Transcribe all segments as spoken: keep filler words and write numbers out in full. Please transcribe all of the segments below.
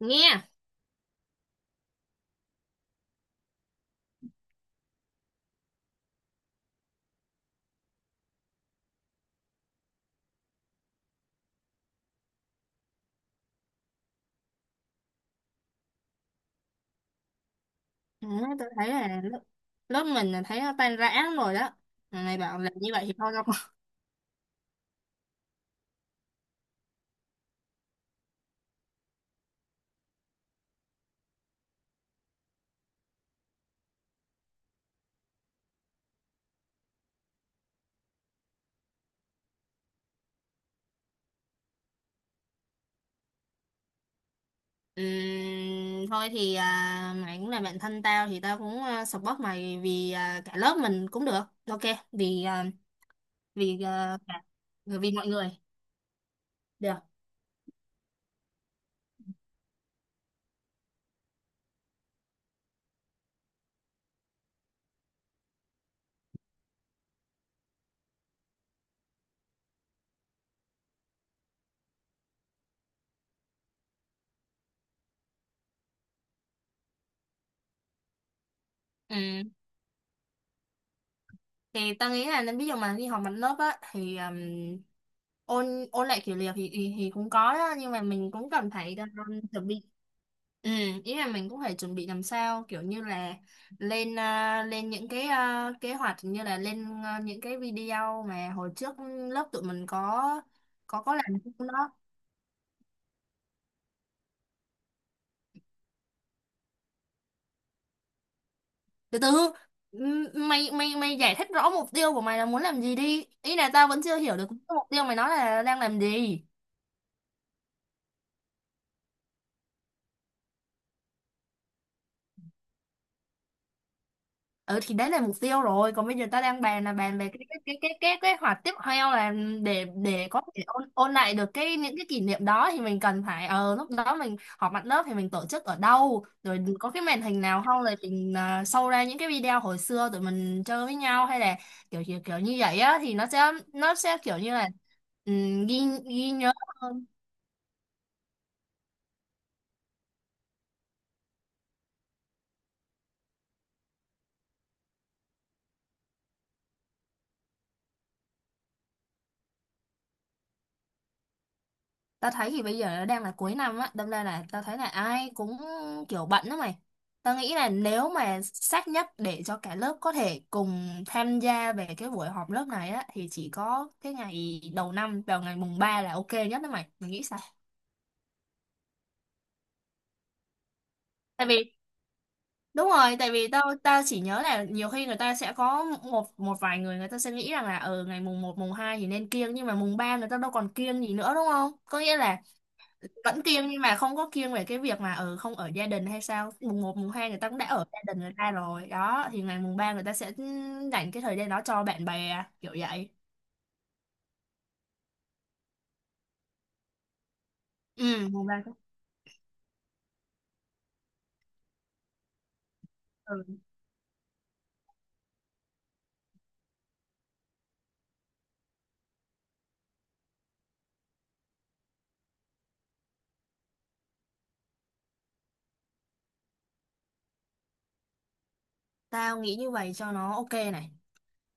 Nghe. Đấy, tôi thấy là lớp, lớp mình là thấy nó tan rã lắm rồi đó. Mà mày bảo làm như vậy thì thôi đâu có. Ừm, Thôi thì à, mày cũng là bạn thân tao thì tao cũng à, support mày vì à, cả lớp mình cũng được. Ok, vì à, vì à, cả vì mọi người được. Ừm, thì ta nghĩ là nên ví dụ mà đi học mặt lớp á thì um, ôn ôn lại kiểu liều thì, thì thì cũng có đó, nhưng mà mình cũng cần phải um, chuẩn bị. Ừ, ý là mình cũng phải chuẩn bị làm sao kiểu như là lên à, lên những cái à, kế hoạch, như là lên à, những cái video mà hồi trước lớp tụi mình có có có làm cái đó. Từ từ, m- mày mày mày giải thích rõ mục tiêu của mày là muốn làm gì đi, ý là tao vẫn chưa hiểu được cái mục tiêu mày nói là đang làm gì. Ừ thì đấy là mục tiêu rồi, còn bây giờ ta đang bàn là bàn về cái cái cái cái cái kế hoạch tiếp theo là để để có thể ôn ôn lại được cái những cái kỷ niệm đó, thì mình cần phải ờ lúc đó mình họp mặt lớp thì mình tổ chức ở đâu, rồi có cái màn hình nào không, rồi mình à, show ra những cái video hồi xưa tụi mình chơi với nhau, hay là kiểu kiểu, kiểu như vậy á thì nó sẽ nó sẽ kiểu như là ừm, ghi ghi nhớ. Tao thấy thì bây giờ nó đang là cuối năm á, đâm ra là tao thấy là ai cũng kiểu bận đó mày. Tao nghĩ là nếu mà sát nhất để cho cả lớp có thể cùng tham gia về cái buổi họp lớp này á, thì chỉ có cái ngày đầu năm vào ngày mùng ba là ok nhất đó mày, mày nghĩ sao? Tại vì đúng rồi, tại vì tao tao chỉ nhớ là nhiều khi người ta sẽ có một một vài người, người ta sẽ nghĩ rằng là ở ngày mùng một mùng hai thì nên kiêng, nhưng mà mùng ba người ta đâu còn kiêng gì nữa đúng không, có nghĩa là vẫn kiêng, nhưng mà không có kiêng về cái việc mà ừ, không ở gia đình hay sao, mùng một mùng hai người ta cũng đã ở gia đình người ta rồi đó, thì ngày mùng ba người ta sẽ dành cái thời gian đó cho bạn bè kiểu vậy. Ừ, mùng ba. Ừ. Tao nghĩ như vậy cho nó ok này.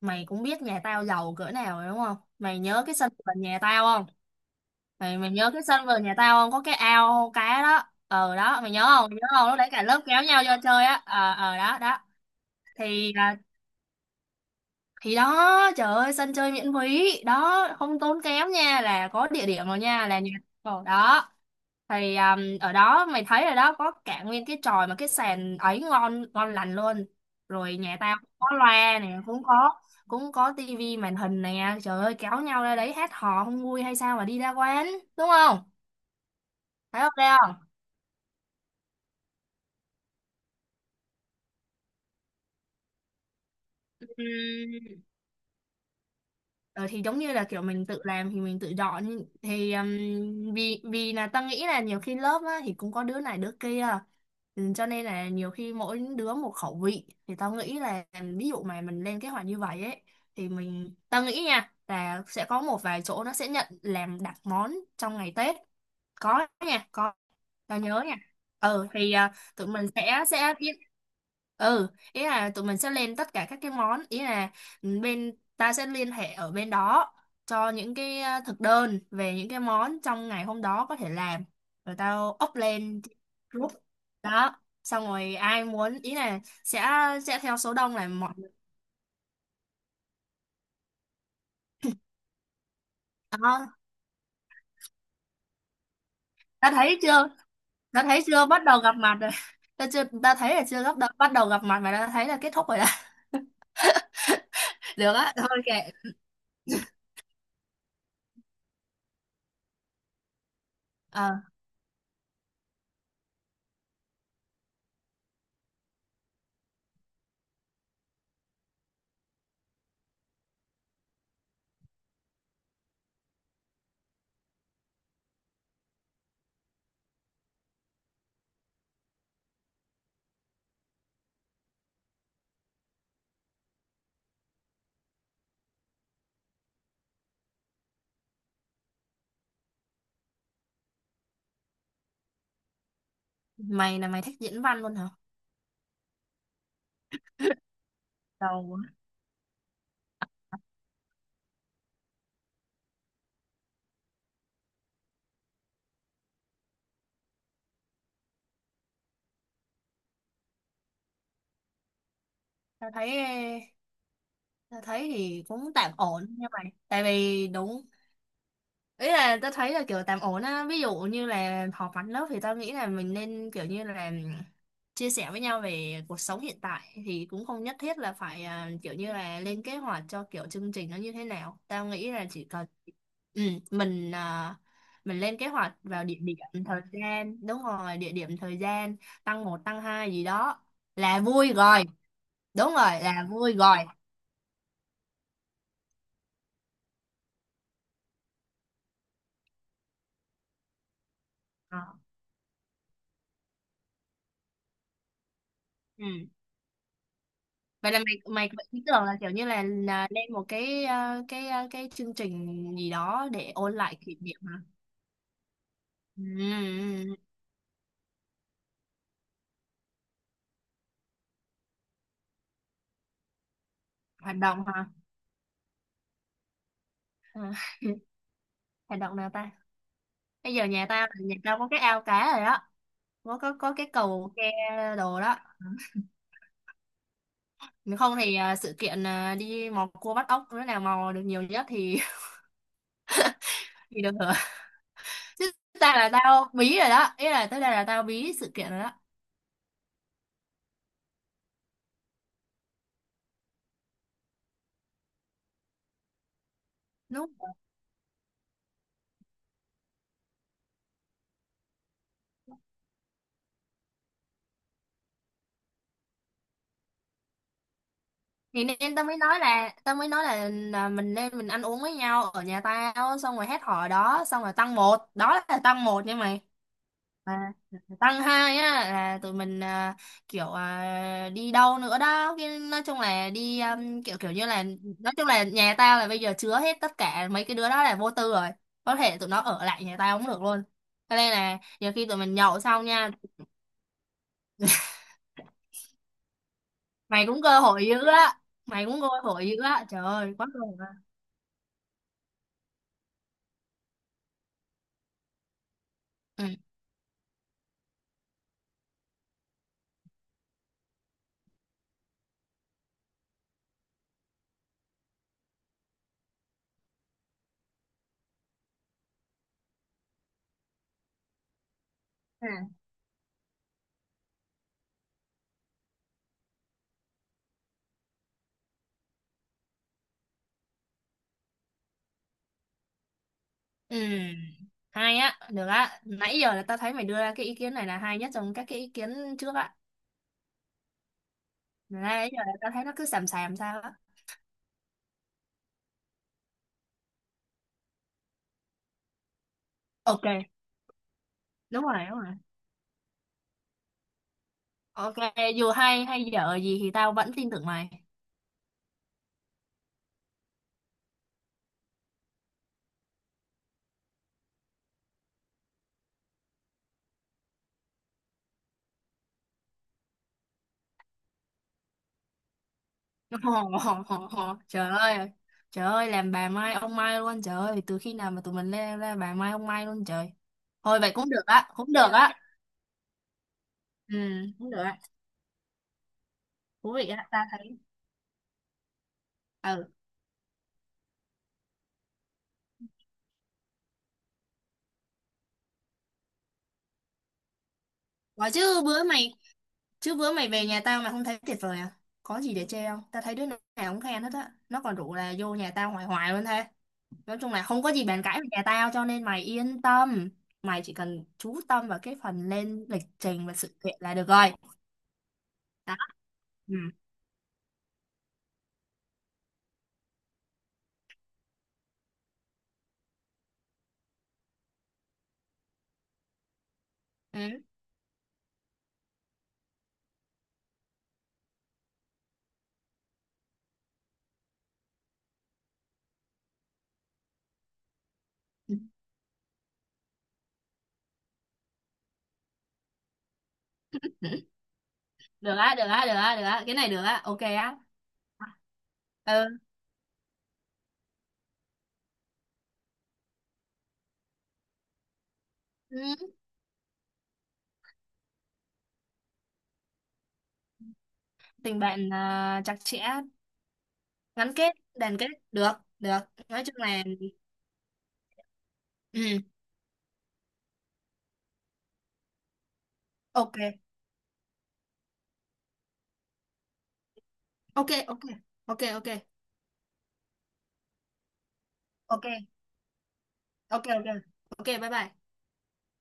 Mày cũng biết nhà tao giàu cỡ nào rồi đúng không, mày nhớ cái sân vườn nhà tao không? Mày mày nhớ cái sân vườn nhà tao không, có cái ao cá đó, ờ đó, mày nhớ không, mày nhớ không, lúc đấy cả lớp kéo nhau vô chơi á, ờ ờ đó đó. Thì à, thì đó trời ơi, sân chơi miễn phí đó, không tốn kém nha, là có địa điểm rồi nha, là nhà. Ồ, đó thì um, ở đó mày thấy rồi đó, có cả nguyên cái chòi mà cái sàn ấy ngon ngon lành luôn. Rồi nhà tao cũng có loa nè, cũng có, cũng có tivi màn hình nè, trời ơi kéo nhau ra đấy hát hò không vui hay sao mà đi ra quán, đúng không? Thấy ok không? Ừm, Ờ, thì giống như là kiểu mình tự làm thì mình tự dọn thì um, vì vì là ta nghĩ là nhiều khi lớp á thì cũng có đứa này đứa kia. Ừ, cho nên là nhiều khi mỗi đứa một khẩu vị thì tao nghĩ là ví dụ mà mình lên kế hoạch như vậy ấy, thì mình tao nghĩ nha là sẽ có một vài chỗ nó sẽ nhận làm đặt món trong ngày Tết, có nha, có, tao nhớ nha. Ừ thì à, tụi mình sẽ sẽ ý- ừ, ý là tụi mình sẽ lên tất cả các cái món, ý là ừ, bên ta sẽ liên hệ ở bên đó cho những cái à, thực đơn về những cái món trong ngày hôm đó có thể làm, rồi tao up lên group đó, xong rồi ai muốn ý là sẽ sẽ theo số đông là mọi người. Đó. Ta thấy chưa, ta thấy chưa, bắt đầu gặp mặt rồi. Ta chưa, ta thấy là chưa bắt đầu bắt đầu gặp mặt mà ta thấy là kết thúc rồi đó. Được á, thôi kệ. Ờ, mày là mày thích diễn văn luôn hả, đầu quá. tao thấy Tao thấy thì cũng tạm ổn nha mày, tại vì đúng, ý là tao thấy là kiểu tạm ổn á, ví dụ như là họp mặt lớp thì tao nghĩ là mình nên kiểu như là chia sẻ với nhau về cuộc sống hiện tại, thì cũng không nhất thiết là phải à, kiểu như là lên kế hoạch cho kiểu chương trình nó như thế nào, tao nghĩ là chỉ cần ừ, mình à, mình lên kế hoạch vào địa điểm thời gian, đúng rồi địa điểm thời gian, tăng một tăng hai gì đó là vui rồi. Đúng rồi, là vui rồi. Ờ. Ừ. Vậy là mày mày có ý tưởng là kiểu như là, là lên một cái ờ, cái ờ, cái chương trình gì đó để ôn lại kỷ niệm hả? Ừ. Hoạt động hả? Ừ. Hoạt động nào ta? Bây giờ nhà tao nhà tao có cái ao cá rồi đó, có có có cái cầu ke đồ đó. Nếu không thì ờ, sự kiện ờ, đi mò cua bắt ốc, đứa nào mò được nhiều nhất thì thì được hưởng chứ. Ta là tao bí rồi đó, ý là tới đây là tao bí sự kiện rồi. Đó thì nên tao mới nói là tao mới nói là, là mình nên mình ăn uống với nhau ở nhà tao, xong rồi hết hò đó xong rồi tăng một, đó là tăng một nha mày. Mà tăng hai á là tụi mình à, kiểu à, đi đâu nữa đó, cái nói chung là đi um, kiểu kiểu như là, nói chung là nhà tao là bây giờ chứa hết tất cả mấy cái đứa đó là vô tư rồi, có thể tụi nó ở lại nhà tao cũng được luôn, cho nên là nhiều khi tụi mình nhậu xong nha. Mày cũng cơ hội dữ á, mày cũng cơ hội dữ á, trời ơi quá rồi. Ừ. Ừ, hay á, được á. Nãy giờ là tao thấy mày đưa ra cái ý kiến này là hay nhất trong các cái ý kiến trước á. Nãy giờ là tao thấy nó cứ xàm xàm sao á. Ok, đúng rồi, đúng rồi. Ok, dù hay hay dở gì thì tao vẫn tin tưởng mày. Ồ, trời ơi, trời ơi, làm bà Mai ông Mai luôn, trời ơi, từ khi nào mà tụi mình lên ra bà Mai ông Mai luôn trời. Thôi vậy cũng được á, cũng được á. Ừ, cũng được á. Thú vị á, tao thấy. Ừ, có chứ bữa mày chứ bữa mày về nhà tao mà không thấy tuyệt vời à? Có gì để chê không? Tao thấy đứa nào cũng khen hết á. Nó còn rủ là vô nhà tao hoài hoài luôn thế. Nói chung là không có gì bàn cãi về nhà tao, cho nên mày yên tâm. Mày chỉ cần chú tâm vào cái phần lên lịch trình và sự kiện là được rồi. Đó. Ừ. Ừ. Ừ. Ừ. Được á, được á, được á, được á. Cái này được á, ok á. Ừ. Ừ. Tình bạn à, chặt chẽ, gắn kết, đoàn kết. Được, được. Nói chung là... Ừ. Ok. Ok, ok. Ok, ok. Ok, ok. Ok, ok. bye bye.